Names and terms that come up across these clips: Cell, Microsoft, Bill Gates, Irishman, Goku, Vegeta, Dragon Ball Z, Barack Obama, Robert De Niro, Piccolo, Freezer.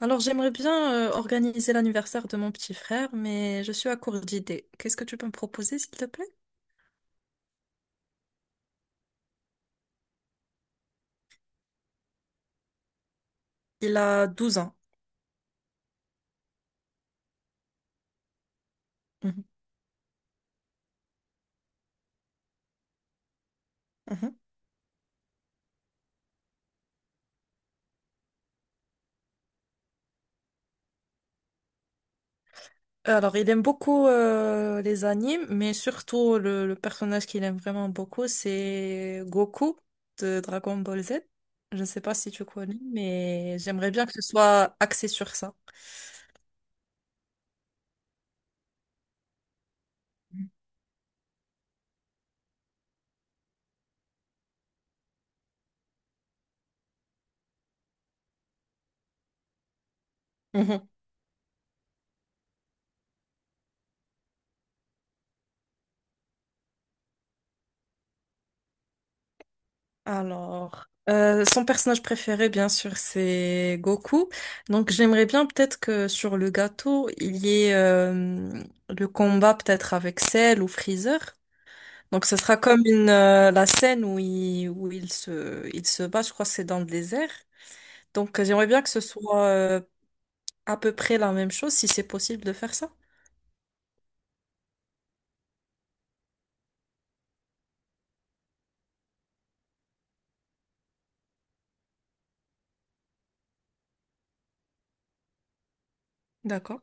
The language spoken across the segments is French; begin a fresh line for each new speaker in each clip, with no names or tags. Alors, j'aimerais bien organiser l'anniversaire de mon petit frère, mais je suis à court d'idées. Qu'est-ce que tu peux me proposer, s'il te plaît? Il a douze ans. Mhm, mhm. Alors, il aime beaucoup les animes, mais surtout le personnage qu'il aime vraiment beaucoup, c'est Goku de Dragon Ball Z. Je ne sais pas si tu connais, mais j'aimerais bien que ce soit axé sur ça. Alors, son personnage préféré, bien sûr, c'est Goku. Donc, j'aimerais bien peut-être que sur le gâteau, il y ait le combat peut-être avec Cell ou Freezer. Donc, ce sera comme une, la scène où il se bat, je crois que c'est dans le désert. Donc, j'aimerais bien que ce soit à peu près la même chose si c'est possible de faire ça? D'accord.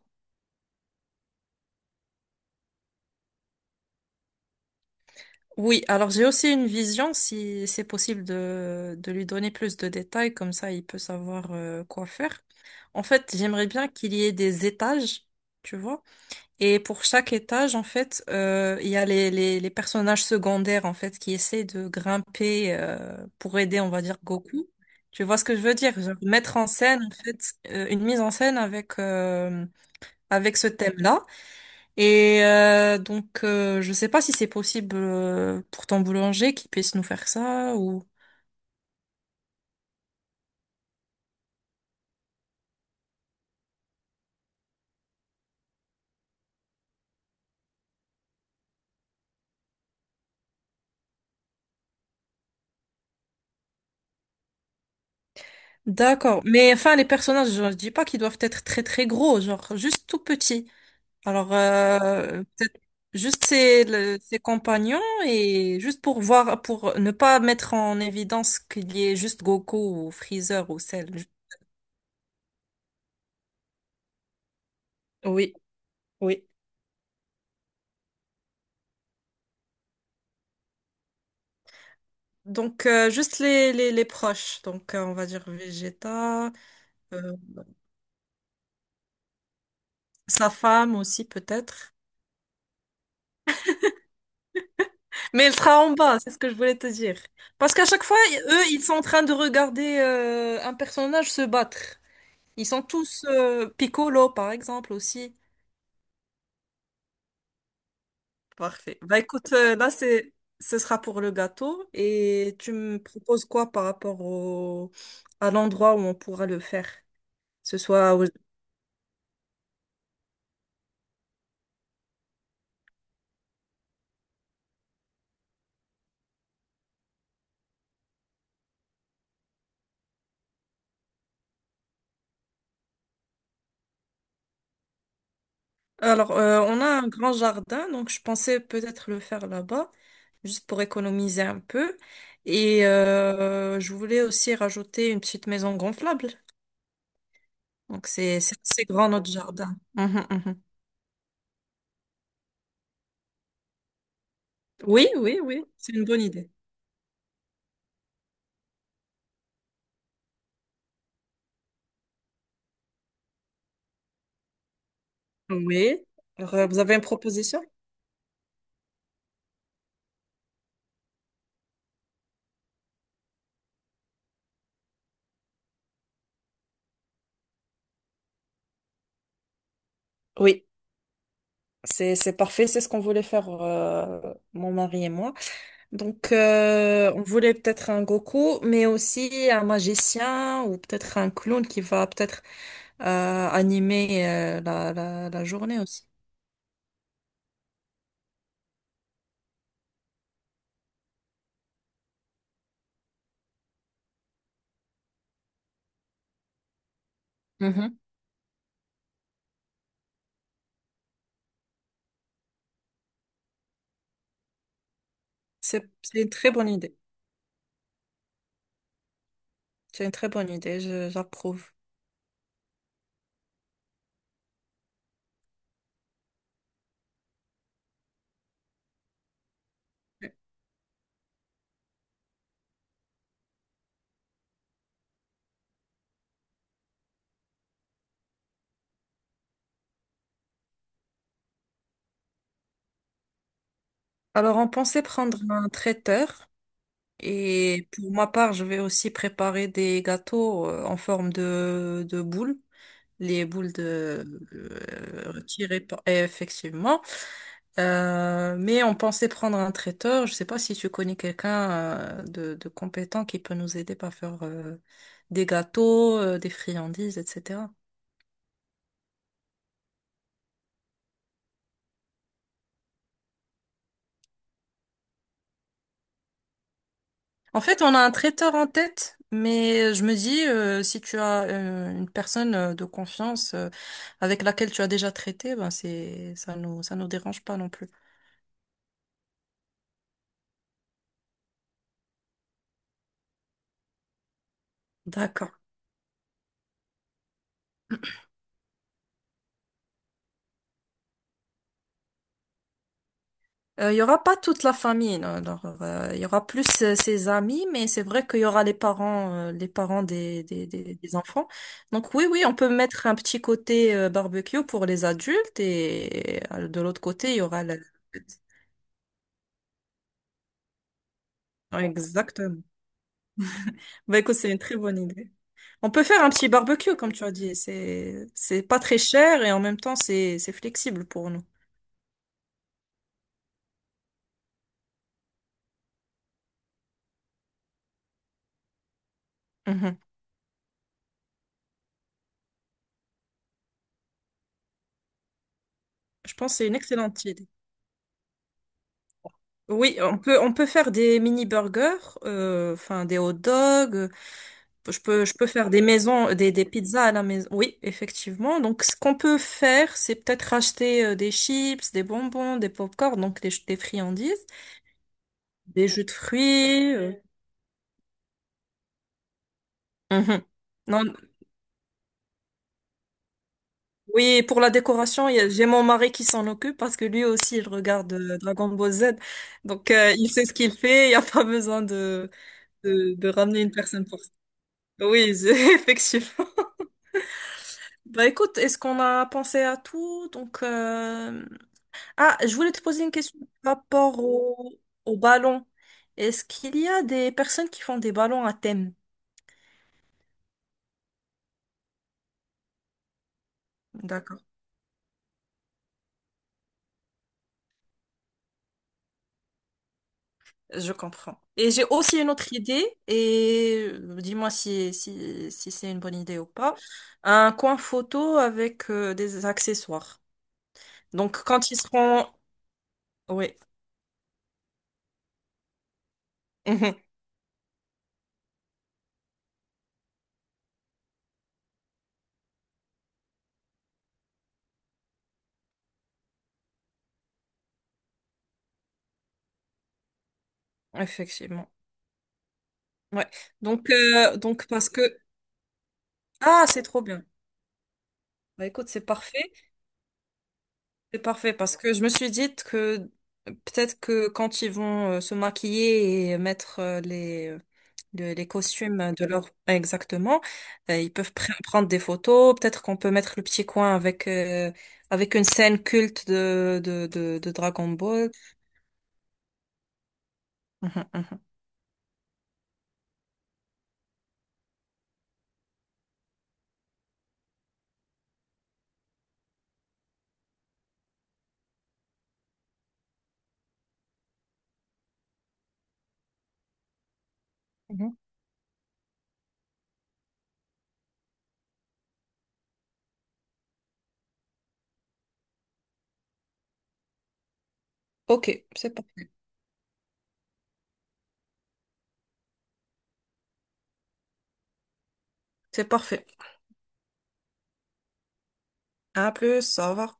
Oui, alors j'ai aussi une vision si c'est possible de lui donner plus de détails, comme ça il peut savoir quoi faire. En fait, j'aimerais bien qu'il y ait des étages, tu vois. Et pour chaque étage, en fait, il y a les personnages secondaires, en fait, qui essaient de grimper pour aider, on va dire, Goku. Tu vois ce que je veux dire? Genre, mettre en scène, en fait, une mise en scène avec, avec ce thème-là. Et donc, je sais pas si c'est possible pour ton boulanger qu'il puisse nous faire ça ou... D'accord. Mais enfin, les personnages, je dis pas qu'ils doivent être très, très gros, genre juste tout petits. Alors, peut-être juste ses compagnons et juste pour voir, pour ne pas mettre en évidence qu'il y ait juste Goku ou Freezer ou Cell. Oui, oui. Donc, juste les proches. Donc, on va dire Vegeta, euh, sa femme aussi peut-être. Mais elle sera en bas, c'est ce que je voulais te dire. Parce qu'à chaque fois, eux, ils sont en train de regarder un personnage se battre. Ils sont tous, Piccolo par exemple aussi. Parfait. Bah écoute, là c'est ce sera pour le gâteau et tu me proposes quoi par rapport au à l'endroit où on pourra le faire? Ce soit au- Alors on a un grand jardin donc je pensais peut-être le faire là-bas juste pour économiser un peu et je voulais aussi rajouter une petite maison gonflable. Donc c'est assez grand notre jardin. Mhm, mhm. Oui, oui, oui, c'est une bonne idée. Oui. Alors, vous avez une proposition? Oui. C'est parfait, c'est ce qu'on voulait faire, mon mari et moi. Donc, on voulait peut-être un Goku, mais aussi un magicien ou peut-être un clown qui va peut-être animer la journée aussi. Mhm. C'est une très bonne idée. C'est une très bonne idée, j'approuve. Alors, on pensait prendre un traiteur et pour ma part, je vais aussi préparer des gâteaux en forme de boule. Les boules de et effectivement. Mais on pensait prendre un traiteur. Je sais pas si tu connais quelqu'un de compétent qui peut nous aider par faire des gâteaux, des friandises, etc. En fait, on a un traiteur en tête, mais je me dis, si tu as une personne de confiance avec laquelle tu as déjà traité, ben ça nous dérange pas non plus. D'accord. Il y aura pas toute la famille, non, alors, il y aura plus ses amis, mais c'est vrai qu'il y aura les parents des enfants. Donc oui, oui, on peut mettre un petit côté barbecue pour les adultes et de l'autre côté, il y aura la... Ouais, exactement. Bah écoute, c'est une très bonne idée. On peut faire un petit barbecue, comme tu as dit. C'est pas très cher et en même temps, c'est flexible pour nous. Mhm. Je pense que c'est une excellente idée. Oui, on peut faire des mini burgers, enfin des hot dogs. Je peux faire des maisons, des pizzas à la maison. Oui, effectivement. Donc, ce qu'on peut faire, c'est peut-être acheter des chips, des bonbons, des pop-corn, donc des friandises, des jus de fruits. Mhm. Non, oui, pour la décoration, j'ai mon mari qui s'en occupe parce que lui aussi, il regarde Dragon Ball Z. Donc, il sait ce qu'il fait. Il n'y a pas besoin de ramener une personne pour ça. Oui, effectivement. Bah écoute, est-ce qu'on a pensé à tout? Donc, ah, je voulais te poser une question par rapport au ballon. Est-ce qu'il y a des personnes qui font des ballons à thème? D'accord, je comprends. Et j'ai aussi une autre idée, et dis-moi si c'est une bonne idée ou pas. Un coin photo avec des accessoires. Donc, quand ils seront... Oui, mhm, effectivement. Ouais. Donc, parce que... Ah, c'est trop bien. Bah, écoute, c'est parfait. C'est parfait parce que je me suis dit que peut-être que quand ils vont se maquiller et mettre les costumes de leur exactement, ils peuvent prendre des photos. Peut-être qu'on peut mettre le petit coin avec avec une scène culte de Dragon Ball. Mhm, mhm, mhm. Ok, c'est parfait. C'est parfait. À plus, au revoir.